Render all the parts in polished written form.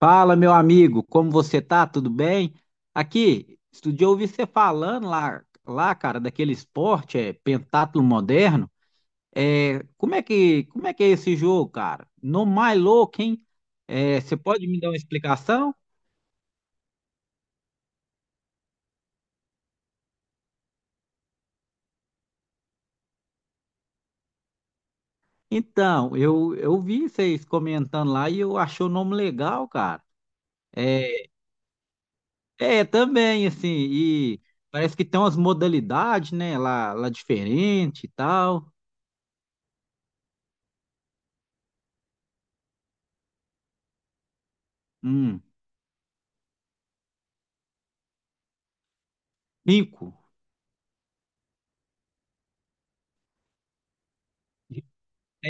Fala, meu amigo, como você tá? Tudo bem? Aqui, estudei ouvir você falando lá, cara, daquele esporte, é pentatlo moderno. É, como é que é esse jogo, cara? No mais louco, hein? É, você pode me dar uma explicação? Então, eu vi vocês comentando lá e eu achei o nome legal, cara. É, é também assim, e parece que tem umas modalidades, né, lá diferente e tal. Hum, cinco.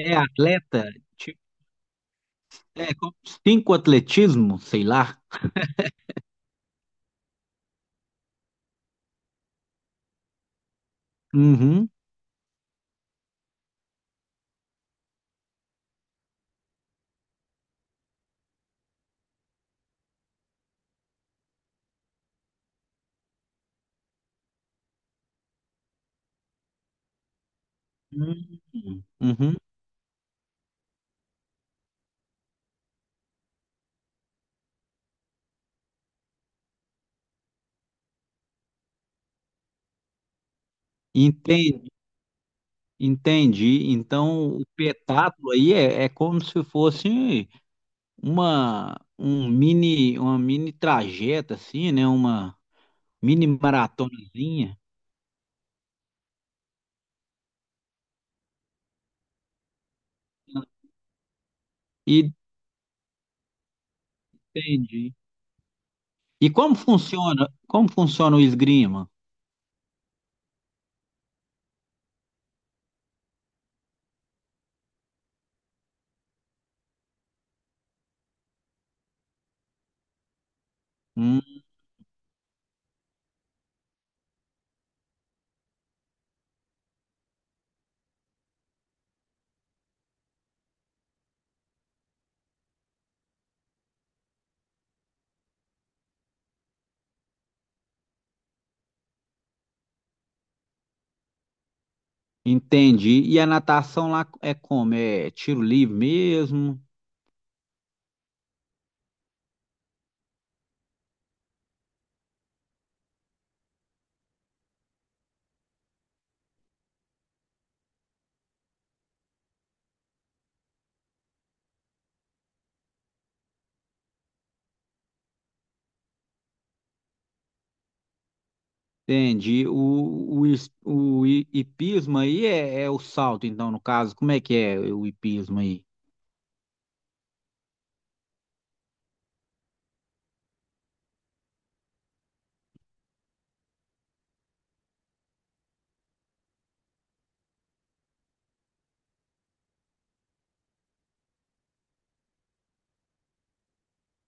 É atleta, tipo, é como cinco atletismo, sei lá. Uhum. Uhum. Uhum. Entendi, entendi. Então, o petáculo aí é, é como se fosse uma mini trajeta assim, né? Uma mini maratonazinha. Entendi. E como funciona? Como funciona o esgrima? Hum, entendi. E a natação lá é como? É tiro livre mesmo? Entendi. O hipismo aí é, é o salto, então, no caso. Como é que é o hipismo aí?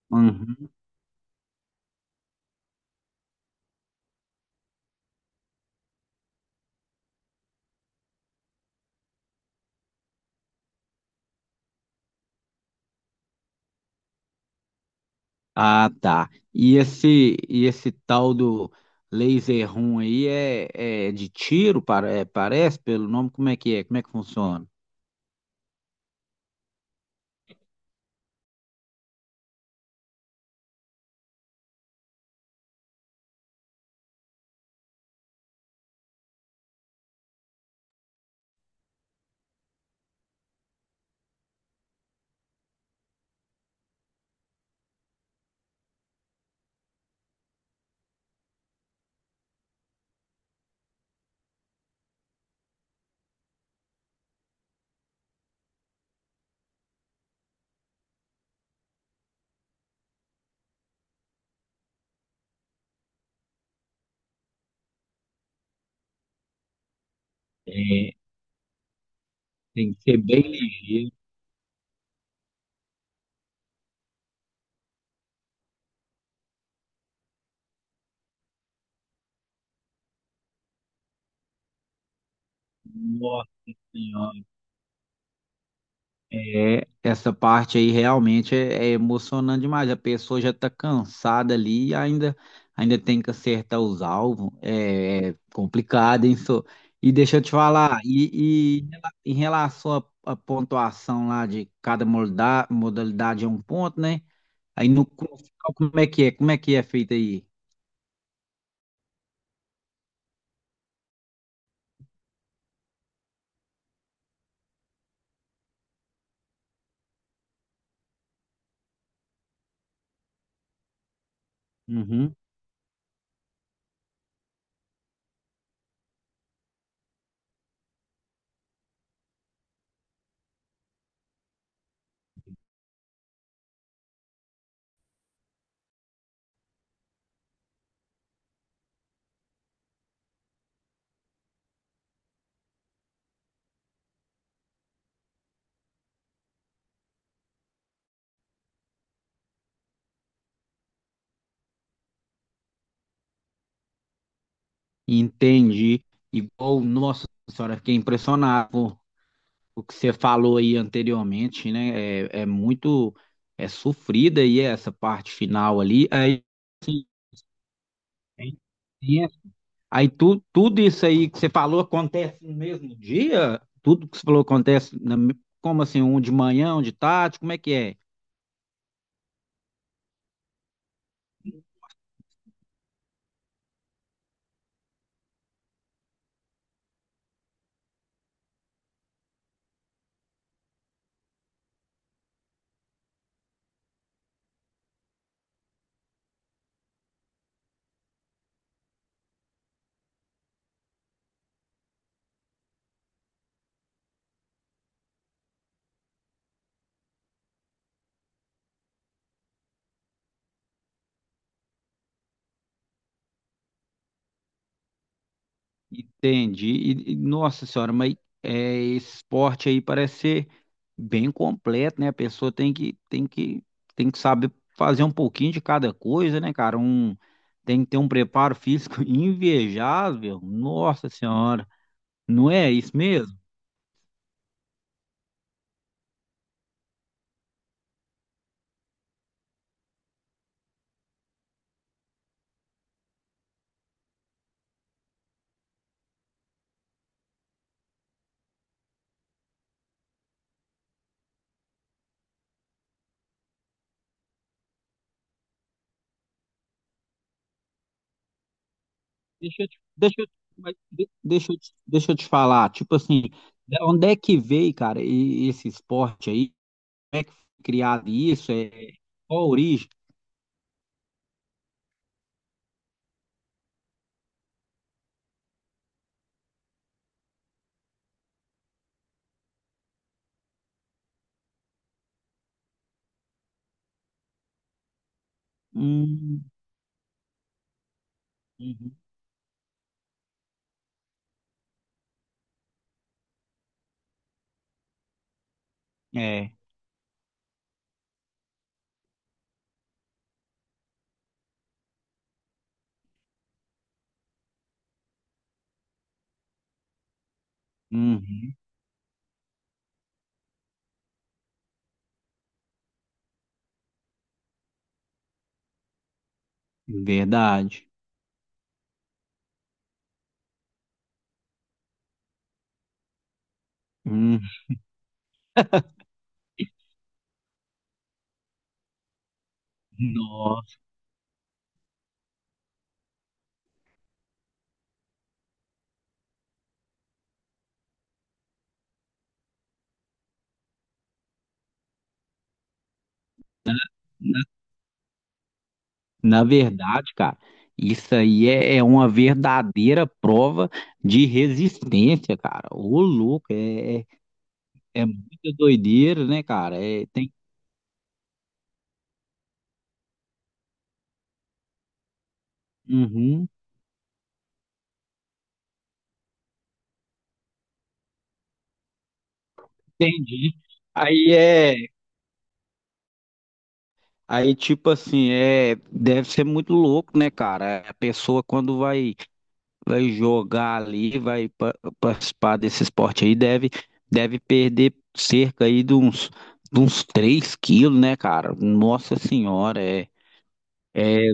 Uhum. Ah, tá. E esse tal do laser room aí é, é de tiro, é, parece, pelo nome? Como é que é? Como é que funciona? É, tem que ser bem ligeiro. Nossa Senhora. É, essa parte aí realmente é, é emocionante demais. A pessoa já está cansada ali e ainda tem que acertar os alvos. É, é complicado, hein, só. E deixa eu te falar, e em relação à à pontuação lá de cada modalidade é um ponto, né? Aí no final, como é que é? Como é que é feito aí? Uhum. Entendi. Igual, nossa senhora, fiquei impressionado. O que você falou aí anteriormente, né? É, é muito é sofrida aí essa parte final ali. Aí aí tu, tudo isso aí que você falou acontece no mesmo dia? Tudo que você falou acontece como assim, um de manhã, um de tarde, como é que é? Entendi. E, nossa senhora, mas é, esse esporte aí parece ser bem completo, né? A pessoa tem que saber fazer um pouquinho de cada coisa, né, cara? Um, tem que ter um preparo físico invejável. Nossa senhora, não é isso mesmo? Deixa eu te, deixa eu, mas de- deixa eu te falar, tipo assim, da onde é que veio, cara, esse esporte aí? Como é que foi criado isso? É, qual a origem? Hum, uhum. É. Uhum, verdade. Uhum. Nossa, na, na verdade, cara, isso aí é, é uma verdadeira prova de resistência, cara. Ô, louco, é muita doideira, né, cara? É, tem, uhum, entendi. Aí é, aí tipo assim, é, deve ser muito louco, né, cara? A pessoa quando vai jogar ali, participar desse esporte aí, deve perder cerca aí de uns 3 quilos, né, cara? Nossa Senhora, é,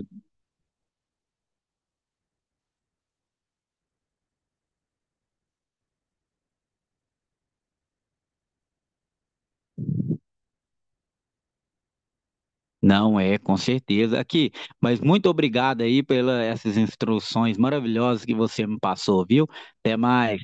não é, com certeza. Aqui, mas muito obrigado aí pelas essas instruções maravilhosas que você me passou, viu? Até mais.